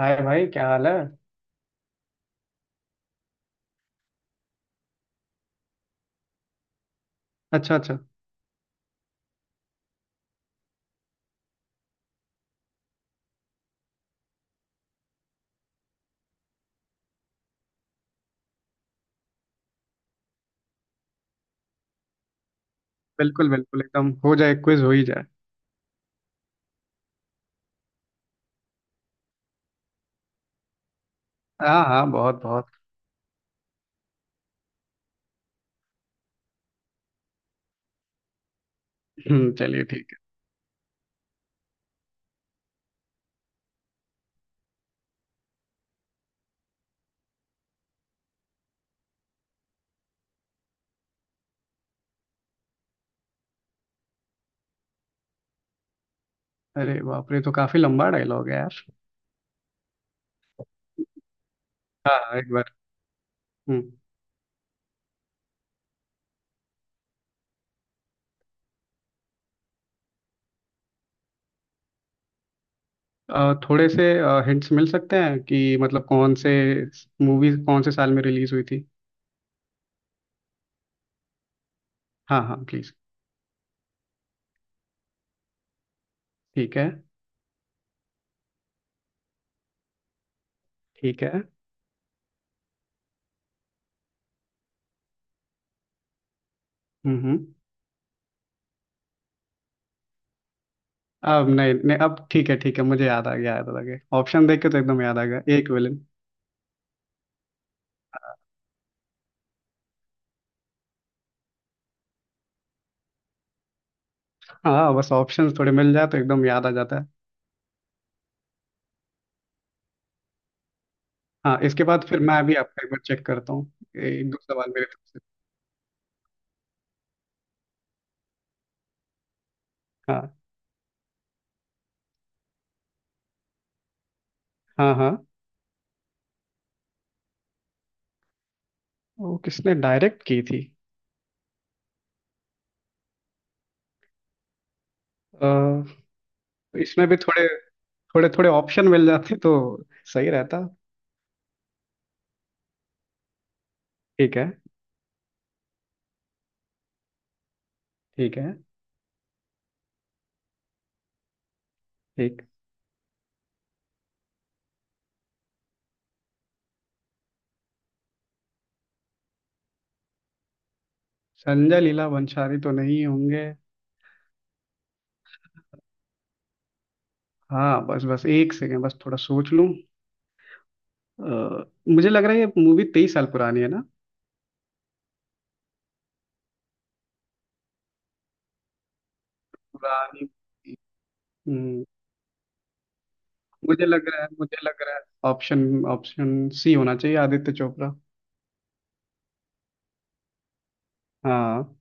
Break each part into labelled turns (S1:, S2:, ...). S1: हाय भाई, क्या हाल है। अच्छा अच्छा। बिल्कुल बिल्कुल, एकदम हो जाए, क्विज हो ही जाए। हाँ हाँ, बहुत बहुत। चलिए ठीक है। अरे बाप रे, तो काफी लंबा डायलॉग है यार। हाँ हाँ, एक बार। हम्म। थोड़े से हिंट्स मिल सकते हैं कि मतलब कौन से मूवी, कौन से साल में रिलीज हुई थी। हाँ हाँ, प्लीज। ठीक है। ठीक है। हम्म। अब नहीं नहीं, अब ठीक है ठीक है, मुझे याद आ गया, याद आ गया। ऑप्शन देख के तो एकदम याद आ गया, एक विलन। हाँ, बस ऑप्शंस थोड़े मिल जाए तो एकदम याद आ जाता है। हाँ, इसके बाद फिर मैं अभी आपका एक बार चेक करता हूँ। एक दो सवाल मेरे तरफ से। हाँ हाँ। हाँ, वो किसने डायरेक्ट की थी। तो इसमें भी थोड़े थोड़े थोड़े ऑप्शन मिल जाते तो सही रहता। ठीक है। ठीक है। ठीक। संजय लीला भंसाली तो नहीं होंगे। हाँ बस बस, एक सेकेंड, बस थोड़ा सोच लूँ। मुझे लग रहा है ये मूवी 23 साल पुरानी है ना। पुरानी। हम्म, मुझे लग रहा है, मुझे लग रहा है ऑप्शन, ऑप्शन सी होना चाहिए, आदित्य चोपड़ा। हाँ।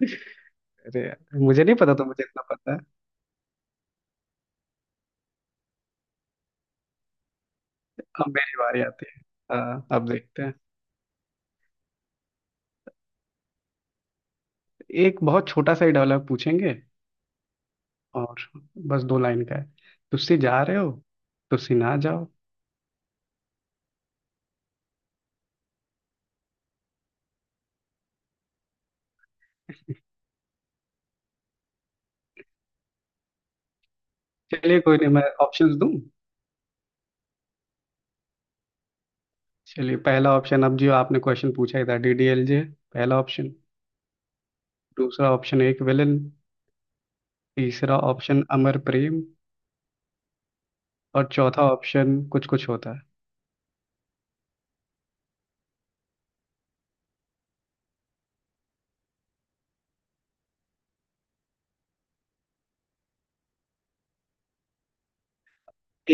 S1: अरे यार, मुझे नहीं पता था, मुझे इतना पता है। अब मेरी बारी आती है। हाँ, अब देखते हैं। एक बहुत छोटा सा ही डायलॉग पूछेंगे। और बस दो लाइन का है। तुसी जा रहे हो, तुसी ना जाओ। चलिए कोई नहीं, मैं ऑप्शंस दूं। चलिए पहला ऑप्शन, अब जो आपने क्वेश्चन पूछा ही था, डीडीएलजे पहला ऑप्शन। दूसरा ऑप्शन एक विलन। तीसरा ऑप्शन अमर प्रेम। और चौथा ऑप्शन कुछ कुछ होता है।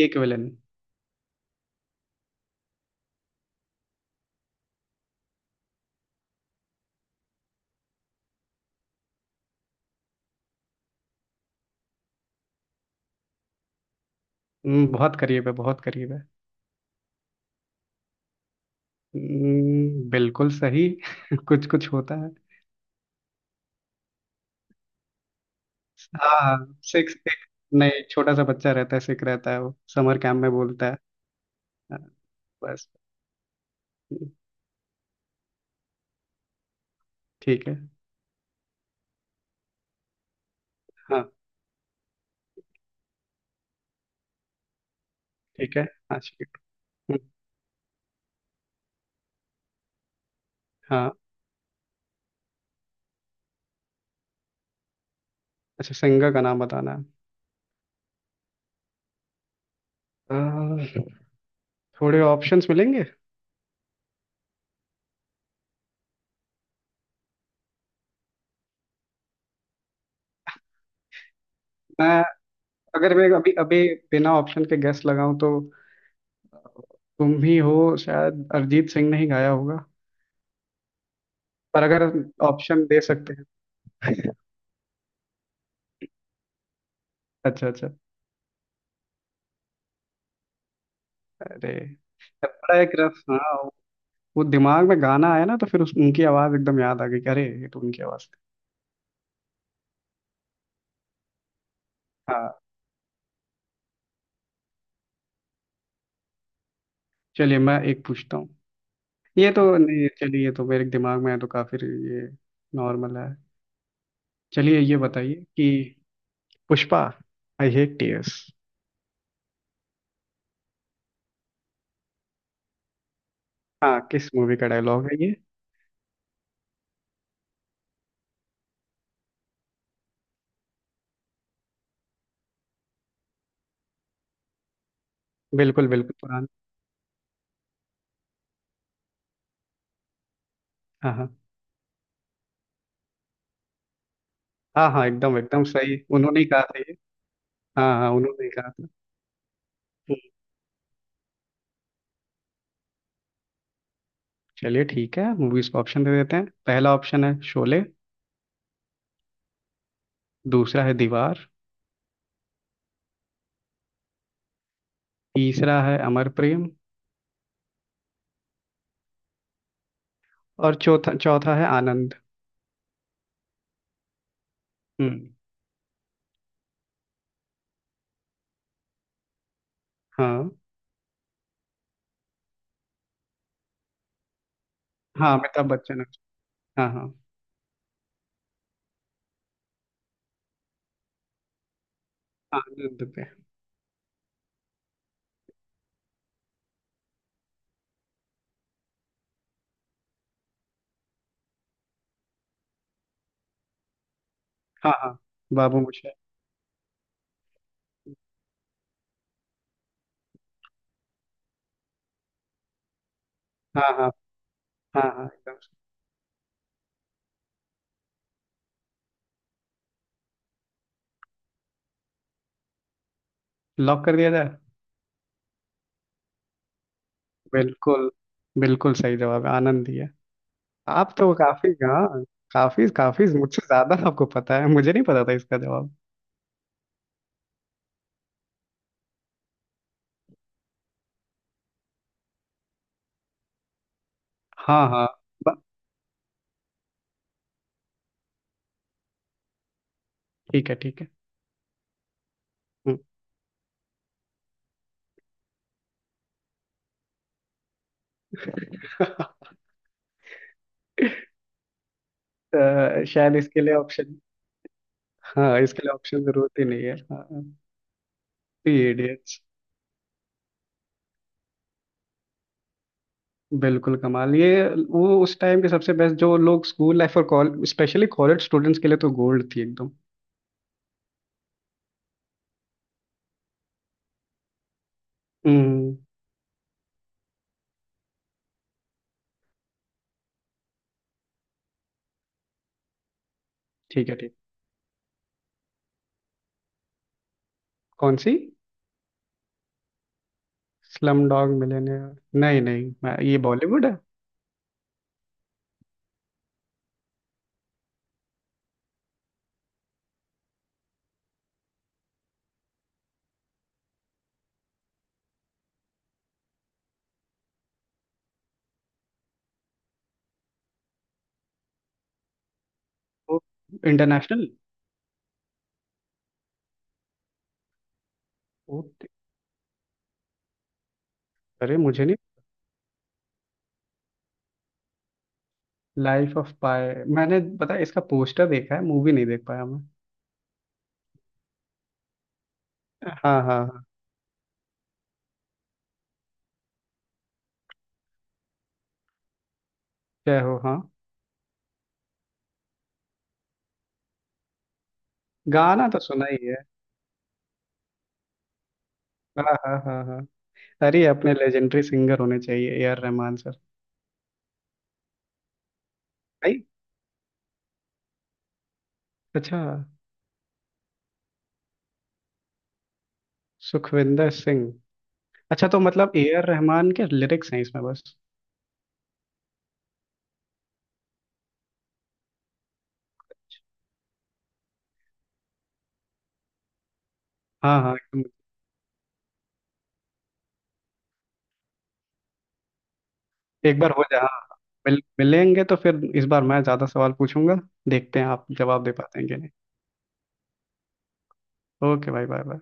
S1: एक विलन। बहुत करीब है, बहुत करीब है। बिल्कुल सही। कुछ कुछ होता है। हाँ सिक्स एक। नहीं, छोटा सा बच्चा रहता है, सिख रहता है, वो समर कैंप में बोलता है। हाँ, बस। ठीक है। हाँ, ठीक है। हाँ शिट। हम्म। हाँ। अच्छा, सिंगर का नाम बताना है। आ, थोड़े ऑप्शंस मिलेंगे। मैं अगर मैं अभी अभी बिना ऑप्शन के गेस लगाऊं तो तुम ही हो, शायद अरिजीत सिंह ने ही गाया होगा। पर अगर ऑप्शन दे सकते हैं। अच्छा अच्छा। अरे बड़ा एक रफ, हाँ। वो दिमाग में गाना आया ना, तो फिर उस उनकी आवाज एकदम याद आ गई कि अरे ये तो उनकी आवाज थी। हाँ। चलिए मैं एक पूछता हूँ। ये तो नहीं, चलिए ये तो मेरे दिमाग में है तो काफी, ये नॉर्मल है। चलिए ये बताइए कि पुष्पा, आई हेट टीयर्स। हाँ, किस मूवी का डायलॉग है ये। बिल्कुल, बिल्कुल पुराना। हाँ हाँ। हाँ हाँ एकदम, एकदम सही, उन्होंने ही कहा था ये। हाँ हाँ, उन्होंने ही कहा था। हम्म। चलिए ठीक है, मूवीज को ऑप्शन दे देते हैं। पहला ऑप्शन है शोले। दूसरा है दीवार। तीसरा है अमर प्रेम। और चौथा, चौथा है आनंद। हम्म। हाँ हाँ, अमिताभ बच्चन। हाँ हाँ, आनंद पे। हाँ हाँ, बाबू मोशाय। हाँ हाँ। हाँ हाँ एकदम। लॉक कर दिया जाए। बिल्कुल, बिल्कुल सही जवाब है, आनंद ही है। आप तो काफी, हाँ, काफी काफी मुझसे ज्यादा आपको पता है, मुझे नहीं पता था इसका जवाब। हाँ हाँ। ब-। ठीक है ठीक है। हम्म। शायद इसके लिए ऑप्शन। हाँ, इसके लिए ऑप्शन जरूरत ही नहीं है, हाँ। Three idiots. बिल्कुल कमाल ये, वो उस टाइम के सबसे बेस्ट, जो लोग स्कूल लाइफ और कॉलेज, स्पेशली कॉलेज स्टूडेंट्स के लिए तो गोल्ड थी एकदम। हम्म। ठीक है, ठीक। कौन सी। Slumdog millionaire. नहीं नहीं, मैं ये बॉलीवुड है। वो इंटरनेशनल। ओके। अरे मुझे नहीं। Life of pi. मैंने, पता है, इसका पोस्टर देखा है, मूवी नहीं देख पाया मैं। हाँ हाँ हाँ। जय हो। हाँ, गाना तो सुना ही है। हाँ हाँ हाँ हाँ। अरे अपने लेजेंडरी सिंगर होने चाहिए, ए आर रहमान सर। भाई। अच्छा। सुखविंदर सिंह। अच्छा, तो मतलब ए आर रहमान के लिरिक्स हैं इसमें बस। हाँ हाँ एकदम। एक बार हो जाए, मिल मिलेंगे तो फिर इस बार मैं ज़्यादा सवाल पूछूंगा, देखते हैं आप जवाब दे पाते हैं कि नहीं। ओके भाई, बाय बाय।